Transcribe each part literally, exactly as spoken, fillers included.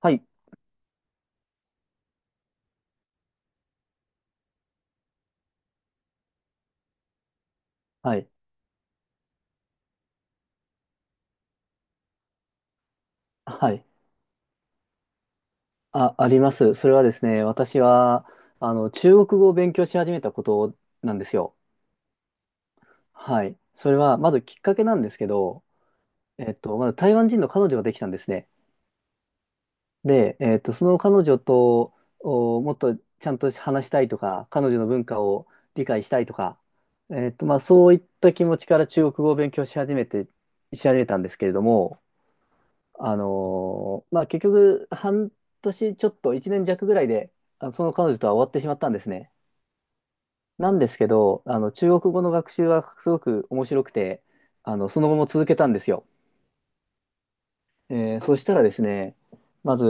はい。はい。はい。あ、あります。それはですね、私は、あの、中国語を勉強し始めたことなんですよ。はい。それは、まずきっかけなんですけど、えっと、まず台湾人の彼女ができたんですね。で、えっと、その彼女と、お、もっとちゃんと話したいとか、彼女の文化を理解したいとか、えっと、まあ、そういった気持ちから中国語を勉強し始めて、し始めたんですけれども、あのーまあ結局、半年ちょっと、いちねんじゃくぐらいで、あのその彼女とは終わってしまったんですね。なんですけど、あの、中国語の学習はすごく面白くて、あの、その後も続けたんですよ。えーそしたらですね、まず、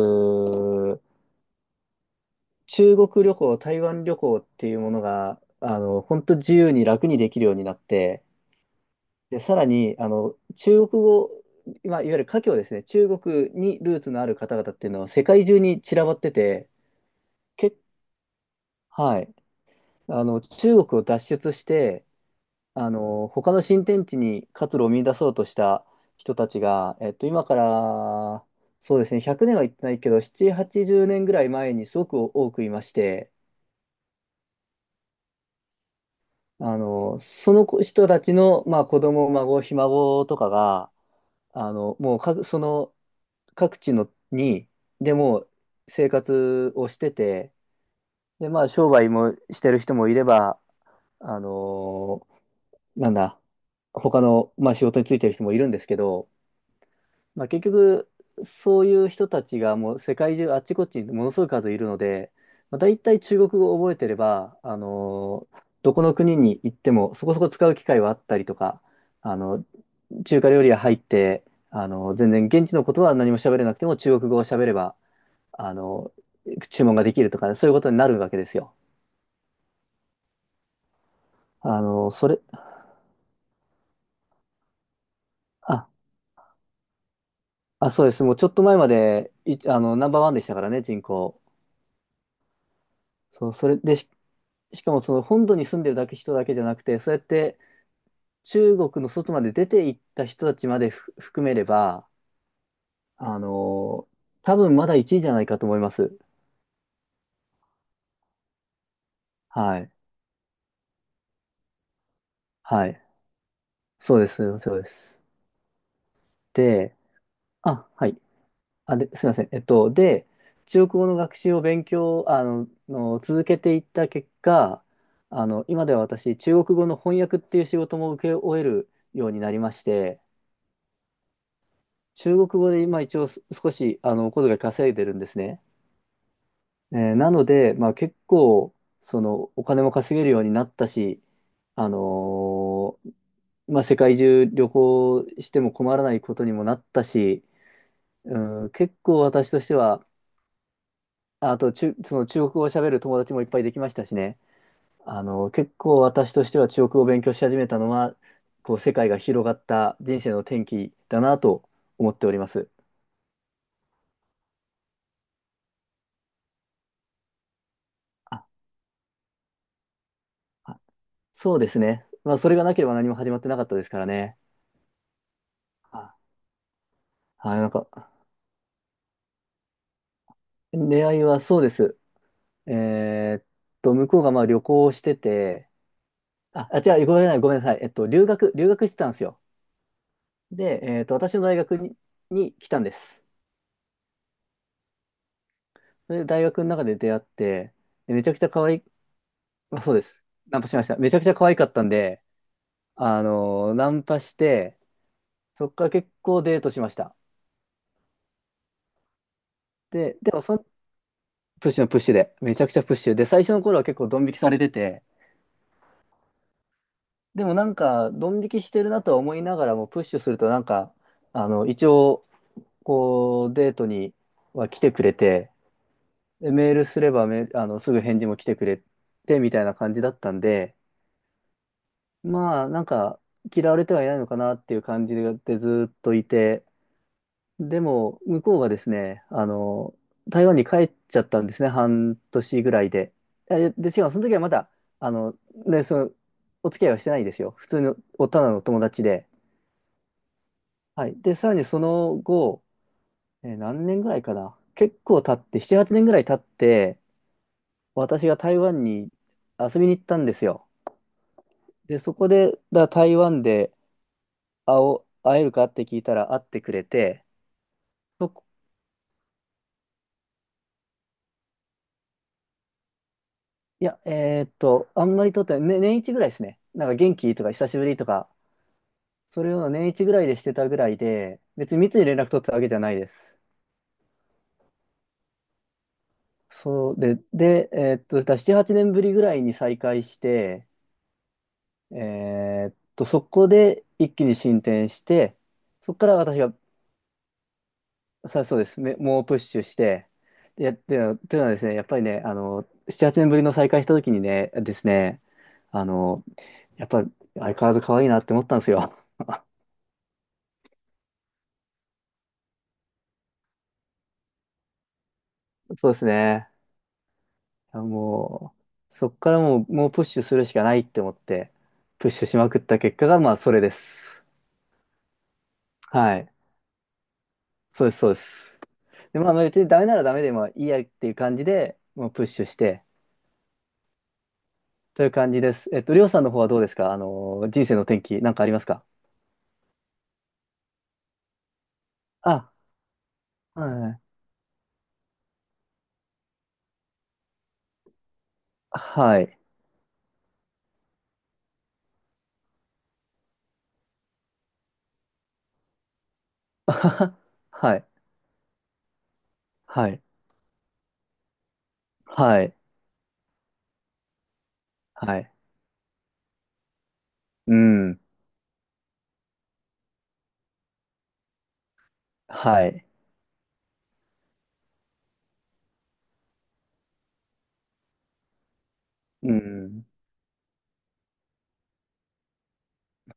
中国旅行、台湾旅行っていうものが、あの、本当自由に楽にできるようになって、で、さらに、あの、中国語、まあ、いわゆる華僑ですね、中国にルーツのある方々っていうのは世界中に散らばってて、結はい。あの、中国を脱出して、あの、他の新天地に活路を見出そうとした人たちが、えっと、今から、そうですね、ひゃくねんは言ってないけど、なな、はちじゅうねんぐらい前にすごく多くいまして、あの、その人たちの、まあ、子供、孫、ひ孫とかが、あの、もう各、その各地のに、でもう生活をしてて、で、まあ、商売もしてる人もいれば、あのなんだ、他の、まあ、仕事についてる人もいるんですけど、まあ、結局、そういう人たちがもう世界中あっちこっちにものすごい数いるので、まあ、大体中国語を覚えてれば、あのーどこの国に行ってもそこそこ使う機会はあったりとか、あの、中華料理屋入って、あの、全然現地のことは何も喋れなくても中国語を喋れば、あの、注文ができるとか、そういうことになるわけですよ。あの、それ、ああ、そうです。もうちょっと前まで、い、あの、ナンバーワンでしたからね、人口。そう、それでし、しかもその本土に住んでるだけ人だけじゃなくて、そうやって中国の外まで出て行った人たちまでふ含めれば、あのー多分まだいちいじゃないかと思います。はい。はい。そうです。そうです。で、あ、はい。あ、で、すいません。えっと、で、中国語の学習を勉強、あの、の続けていった結果、あの、今では私、中国語の翻訳っていう仕事も請け負えるようになりまして、中国語で今一応す少し、あの、お小遣い稼いでるんですね。えーなので、まあ結構、その、お金も稼げるようになったし、あのーまあ世界中旅行しても困らないことにもなったし、うん、結構私としては、あと、中、その中国語を喋る友達もいっぱいできましたしね。あの、結構私としては中国語を勉強し始めたのは、こう、世界が広がった人生の転機だなと思っております。あ、あそうですね。まあ、それがなければ何も始まってなかったですからね。あ、はい、なんか、出会いはそうです。えーっと、向こうがまあ旅行をしてて、あ、あ、違う、ごめんなさい、ごめんなさい。えっと、留学、留学してたんですよ。で、えーっと、私の大学に、に来たんです。それで大学の中で出会って、でめちゃくちゃ可愛い、あそうです。ナンパしました。めちゃくちゃ可愛かったんで、あのーナンパして、そっから結構デートしました。で、でもその、プッシュのプッシュで、めちゃくちゃプッシュで、最初の頃は結構ドン引きされてて、でもなんか、ドン引きしてるなとは思いながらも、プッシュするとなんか、あの、一応、こう、デートには来てくれて、でメールすればメ、あの、すぐ返事も来てくれて、みたいな感じだったんで、まあ、なんか、嫌われてはいないのかなっていう感じでずっといて、でも、向こうがですね、あの、台湾に帰っちゃったんですね、半年ぐらいで。えで、違う、その時はまだ、あの、ね、その、お付き合いはしてないですよ。普通の、おただのお友達で。はい。で、さらにその後、えー何年ぐらいかな。結構経って、なな、はちねんぐらい経って、私が台湾に遊びに行ったんですよ。で、そこで、だ台湾で、会おう、会えるかって聞いたら会ってくれて、そこいや、えーっと、あんまりとってない、ね、年一ぐらいですね。なんか元気とか久しぶりとか、それを年一ぐらいでしてたぐらいで、別に密に連絡取ってたわけじゃないです。そうで、で、えーっと、だからなな、はちねんぶりぐらいに再会して、えーっと、そこで一気に進展して、そこから私が、さそうです、め猛プッシュして、で、っていうのはというのはですね、やっぱりね、あの、なな、はちねんぶりの再会した時にね、ですね、あの、やっぱ相変わらず可愛いなって思ったんですよ。そうですね。いやもう、そっからもう、もうプッシュするしかないって思って、プッシュしまくった結果が、まあ、それです。はい。そうです、そうです。で、まあ、別にダメならダメでもいいやっていう感じで、もうプッシュして、という感じです。えっと、りょうさんの方はどうですか？あの、人生の転機、なんかありますか？あ、はい。はい。あはは。はい。はい。はい。はい。うん。はい。うん。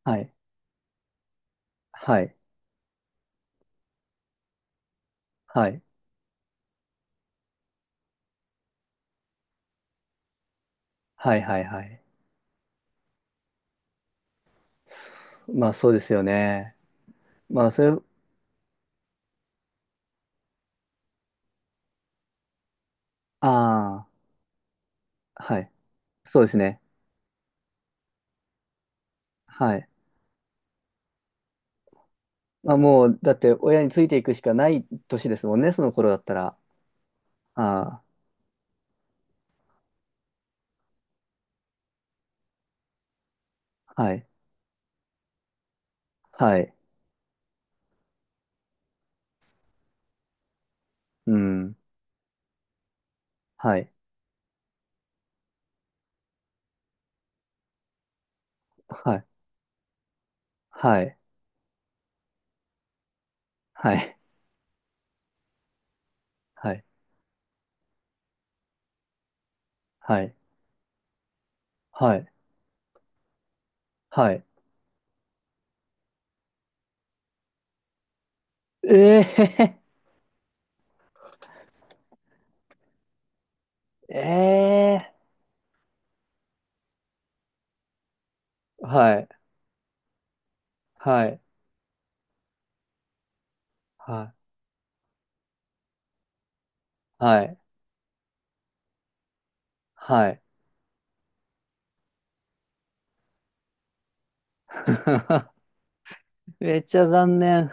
はい。はい。はい。はいはいはい。そまあそうですよね。まあそれ、ああ、はい。そうですね。はい。まあもう、だって親についていくしかない年ですもんね、その頃だったら。ああ、はい。はい。うん。はい。はい。はい。はい。はい。はい。はい。はい。ええー、ええー、はい。はい。はい。はい。はい。めっちゃ残念。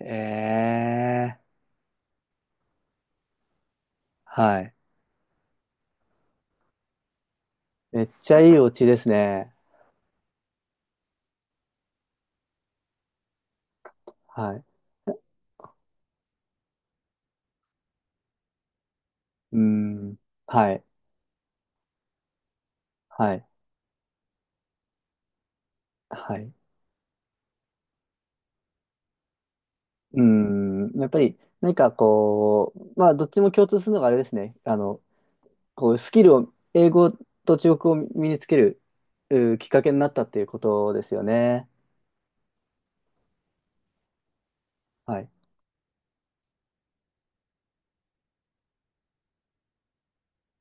ええー、はい。めっちゃいいオチですね。はい。うん。はい。はい。はい。うん。やっぱり、何かこう、まあ、どっちも共通するのがあれですね。あの、こう、スキルを、英語と中国語を身につける、うきっかけになったっていうことですよね。はい。